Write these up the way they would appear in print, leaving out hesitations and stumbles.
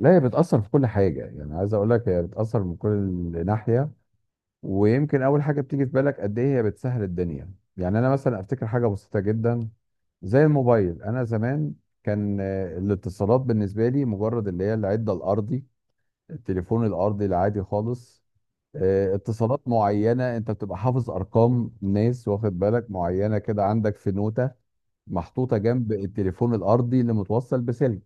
لا هي بتأثر في كل حاجة، يعني عايز أقول لك هي بتأثر من كل ناحية. ويمكن أول حاجة بتيجي في بالك قد إيه هي بتسهل الدنيا. يعني أنا مثلا أفتكر حاجة بسيطة جدا زي الموبايل. أنا زمان كان الاتصالات بالنسبة لي مجرد اللي هي العدة الأرضي، التليفون الأرضي العادي خالص. اتصالات معينة، أنت بتبقى حافظ أرقام ناس، واخد بالك معينة كده، عندك في نوتة محطوطة جنب التليفون الأرضي اللي متوصل بسلك.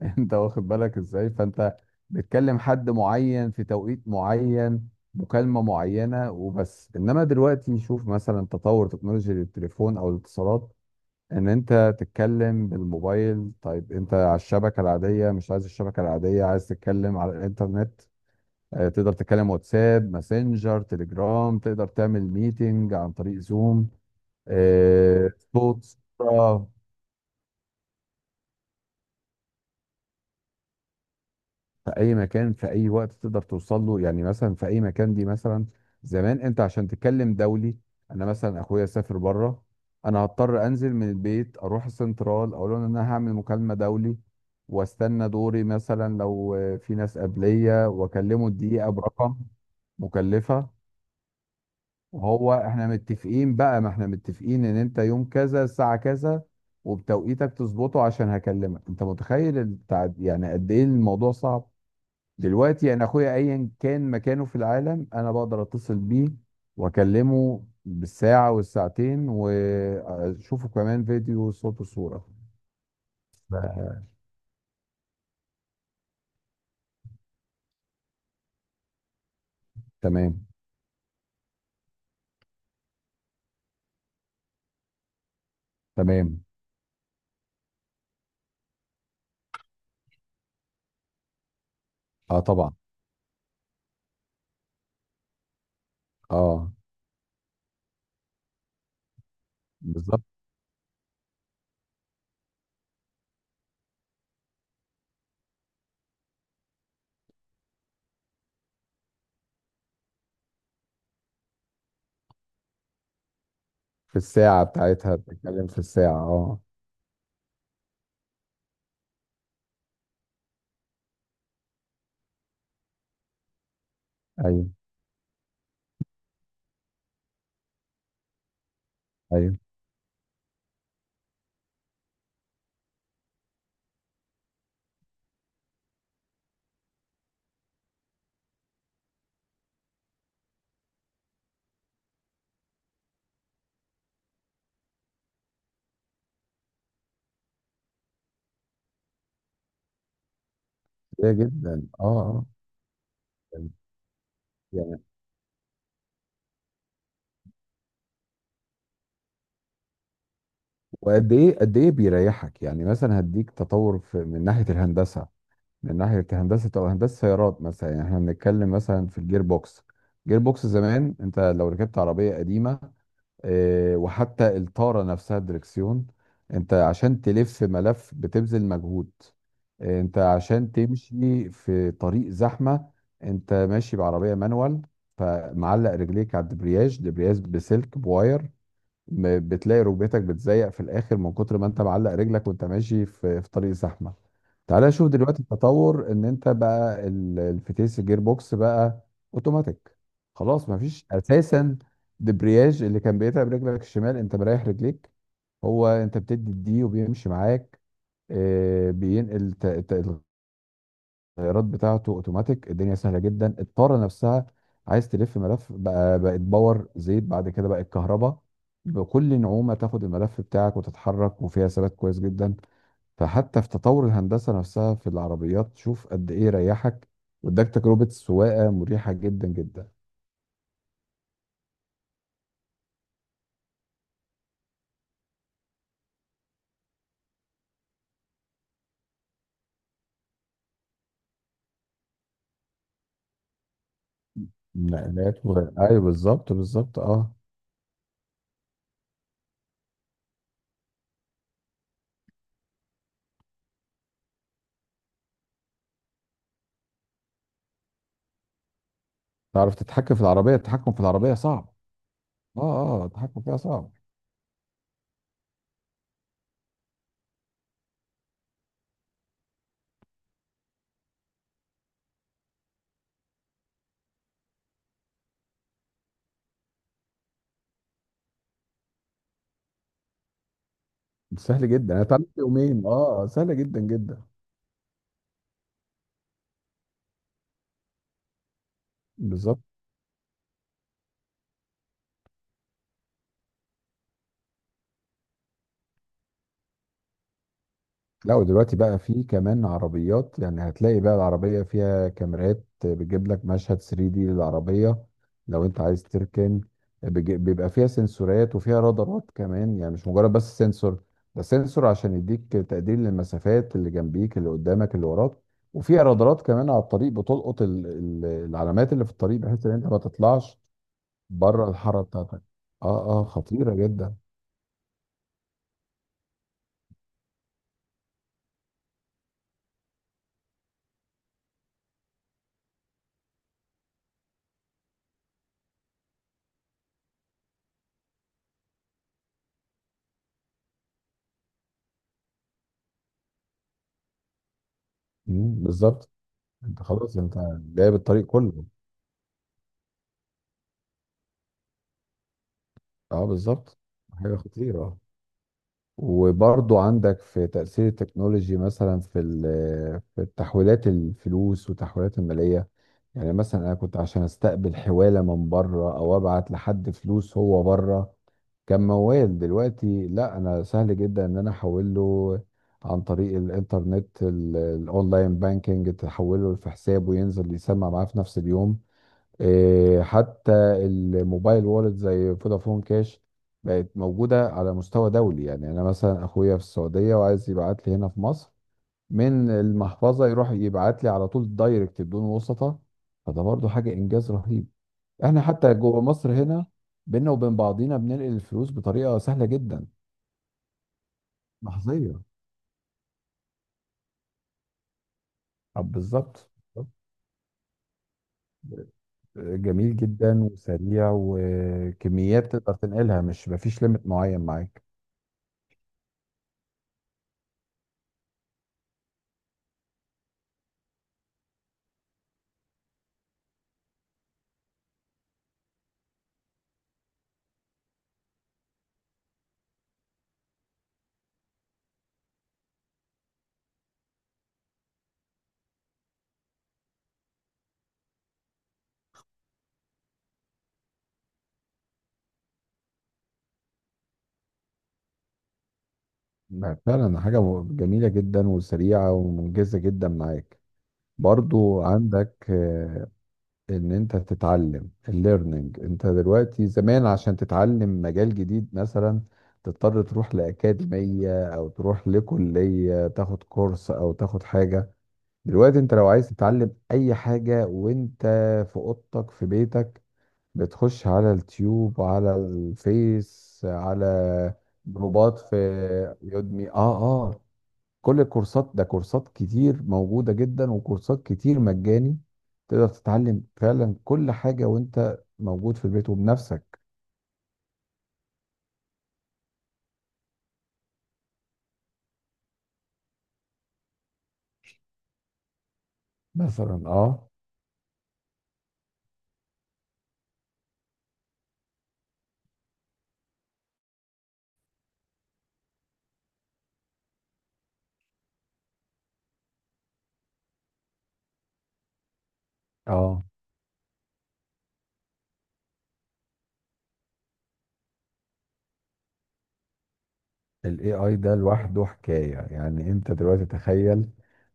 انت واخد بالك ازاي، فانت بتكلم حد معين في توقيت معين، مكالمة معينة وبس. انما دلوقتي شوف مثلا تطور تكنولوجيا التليفون او الاتصالات، ان انت تتكلم بالموبايل. طيب انت على الشبكة العادية، مش عايز الشبكة العادية، عايز تتكلم على الانترنت، تقدر تتكلم واتساب، ماسنجر، تليجرام، تقدر تعمل ميتنج عن طريق زوم، صوت، صورة، في اي مكان في اي وقت تقدر توصل له. يعني مثلا في اي مكان دي، مثلا زمان انت عشان تتكلم دولي، انا مثلا اخويا سافر بره، انا هضطر انزل من البيت اروح السنترال اقول لهم ان انا هعمل مكالمه دولي، واستنى دوري، مثلا لو في ناس قبليه، واكلمه الدقيقه برقم مكلفه. وهو احنا متفقين بقى، ما احنا متفقين ان انت يوم كذا الساعه كذا، وبتوقيتك تظبطه عشان هكلمك. انت متخيل التعب، يعني قد ايه الموضوع صعب. دلوقتي انا اخويا ايا كان مكانه في العالم انا بقدر اتصل بيه واكلمه بالساعه والساعتين واشوفه كمان، فيديو، صوت وصوره. ف- تمام، تمام. اه، طبعا. اه، بالظبط. في الساعه بتاعتها، بتتكلم في الساعه، اه. ايوه، ايوه. كتير جدا، اه اه. يعني وقد ايه، قد ايه بيريحك. يعني مثلا هديك تطور في، من ناحيه الهندسه، من ناحية هندسة أو هندسة سيارات مثلا. يعني احنا بنتكلم مثلا في الجير بوكس. جير بوكس زمان، انت لو ركبت عربية قديمة، اه، وحتى الطارة نفسها، الدركسيون، انت عشان تلف ملف بتبذل مجهود. اه، انت عشان تمشي في طريق زحمة، انت ماشي بعربية مانوال، فمعلق رجليك على الدبرياج، دبرياج بسلك بواير، بتلاقي ركبتك بتزيق في الاخر من كتر ما انت معلق رجلك، وانت ماشي في طريق زحمه. تعالى شوف دلوقتي التطور، ان انت بقى الفتيس، الجير بوكس، بقى اوتوماتيك. خلاص مفيش اساسا دبرياج اللي كان بيتعب رجلك الشمال، انت مريح رجليك. هو انت بتدي الدي وبيمشي معاك، بينقل التغييرات بتاعته اوتوماتيك. الدنيا سهله جدا. الطاره نفسها، عايز تلف ملف بقى، بقت باور زيت، بعد كده بقت كهرباء، بكل نعومه تاخد الملف بتاعك وتتحرك، وفيها ثبات كويس جدا. فحتى في تطور الهندسه نفسها في العربيات، شوف قد ايه ريحك واداك تجربه سواقه مريحه جدا جدا. نقلات و... ايوه بالظبط بالظبط، اه. تعرف تتحكم في العربيه، التحكم في العربيه صعب. اه اه، التحكم فيها صعب. سهل جدا، انا اتعلمت يومين، اه، سهله جدا جدا. بالظبط. لا، ودلوقتي بقى في كمان عربيات. يعني هتلاقي بقى العربية فيها كاميرات بتجيب لك مشهد 3D للعربية لو انت عايز تركن. بيبقى فيها سنسورات وفيها رادارات كمان، يعني مش مجرد بس سنسور، ده سنسور عشان يديك تقدير للمسافات اللي جنبيك اللي قدامك اللي وراك. وفيها رادارات كمان على الطريق بتلقط العلامات اللي في الطريق، بحيث ان انت ما تطلعش بره الحاره بتاعتك. اه اه، خطيرة جدا. مم، بالظبط. انت خلاص انت جايب الطريق كله. اه بالظبط، حاجه خطيره. وبرضو عندك في تأثير التكنولوجي، مثلا في في تحويلات الفلوس وتحويلات المالية. يعني مثلا انا كنت عشان استقبل حوالة من بره او ابعت لحد فلوس هو بره، كان موال. دلوقتي لا، انا سهل جدا ان انا احول له عن طريق الانترنت، الاونلاين بانكينج، تحوله في حسابه وينزل يسمع معاه في نفس اليوم. إيه، حتى الموبايل وولد زي فودافون كاش، بقت موجودة على مستوى دولي. يعني أنا مثلا أخويا في السعودية وعايز يبعت لي هنا في مصر، من المحفظة يروح يبعت لي على طول دايركت بدون وسطة. فده برضو حاجة إنجاز رهيب. إحنا حتى جوه مصر هنا، بينا وبين بعضينا بننقل الفلوس بطريقة سهلة جدا، لحظية. طب بالظبط بالظبط. جميل جدا وسريع، وكميات تقدر تنقلها، مش مفيش ليميت معين معاك. ما فعلا حاجة جميلة جدا وسريعة ومنجزة جدا معاك. برضو عندك ان انت تتعلم الليرنينج. انت دلوقتي زمان عشان تتعلم مجال جديد مثلا، تضطر تروح لأكاديمية او تروح لكلية تاخد كورس او تاخد حاجة. دلوقتي انت لو عايز تتعلم اي حاجة وانت في اوضتك في بيتك، بتخش على التيوب، على الفيس، على جروبات، في يودمي، اه اه. كل الكورسات ده، كورسات كتير موجودة جدا، وكورسات كتير مجاني. تقدر تتعلم فعلا كل حاجة وانت موجود في البيت وبنفسك. مثلا، اه اه. الاي اي ده لوحده حكاية. يعني انت دلوقتي تخيل،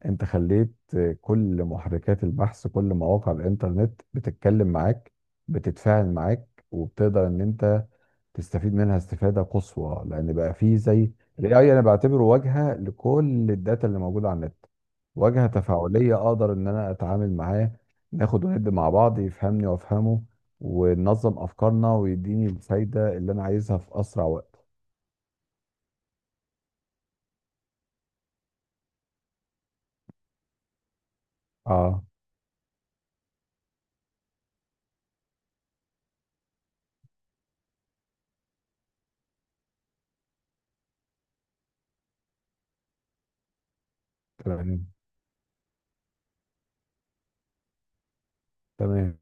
انت خليت كل محركات البحث، كل مواقع الانترنت بتتكلم معاك، بتتفاعل معاك، وبتقدر ان انت تستفيد منها استفادة قصوى، لأن بقى فيه زي ال AI، أنا بعتبره واجهة لكل الداتا اللي موجودة على النت، واجهة تفاعلية أقدر إن أنا أتعامل معاه، ناخد وندي مع بعض، يفهمني وأفهمه، وننظم أفكارنا ويديني الفايدة اللي أنا عايزها في أسرع وقت. اه، تمام تمام.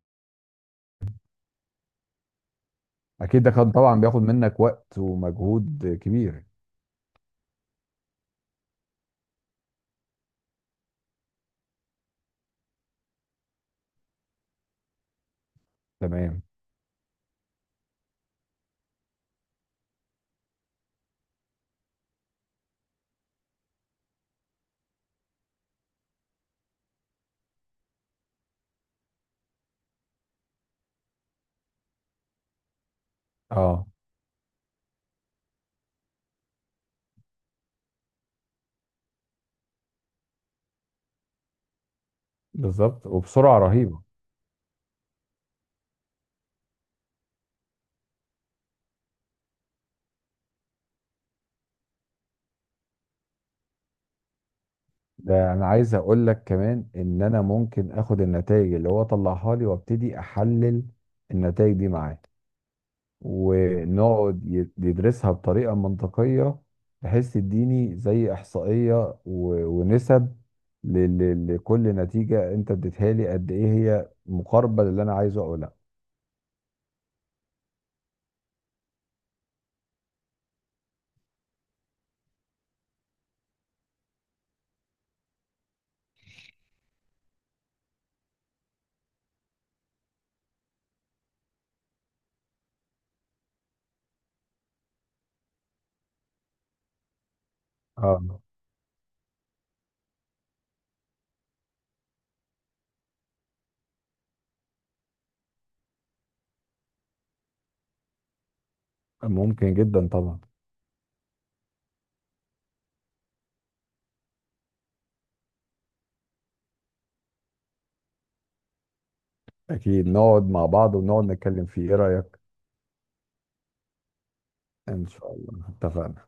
أكيد ده كان طبعا بياخد منك وقت ومجهود كبير. تمام، اه، بالظبط. وبسرعة رهيبة. ده انا عايز اقول لك كمان ان انا ممكن اخد النتائج اللي هو طلعها لي وابتدي احلل النتائج دي معاه، ونقعد يدرسها بطريقة منطقية، بحيث تديني زي احصائية ونسب لكل نتيجة انت اديتها لي، قد ايه هي مقاربة للي انا عايزه او لا. اه، ممكن جدا طبعا. اكيد نقعد مع بعض ونقعد نتكلم فيه، ايه رأيك؟ ان شاء الله، اتفقنا.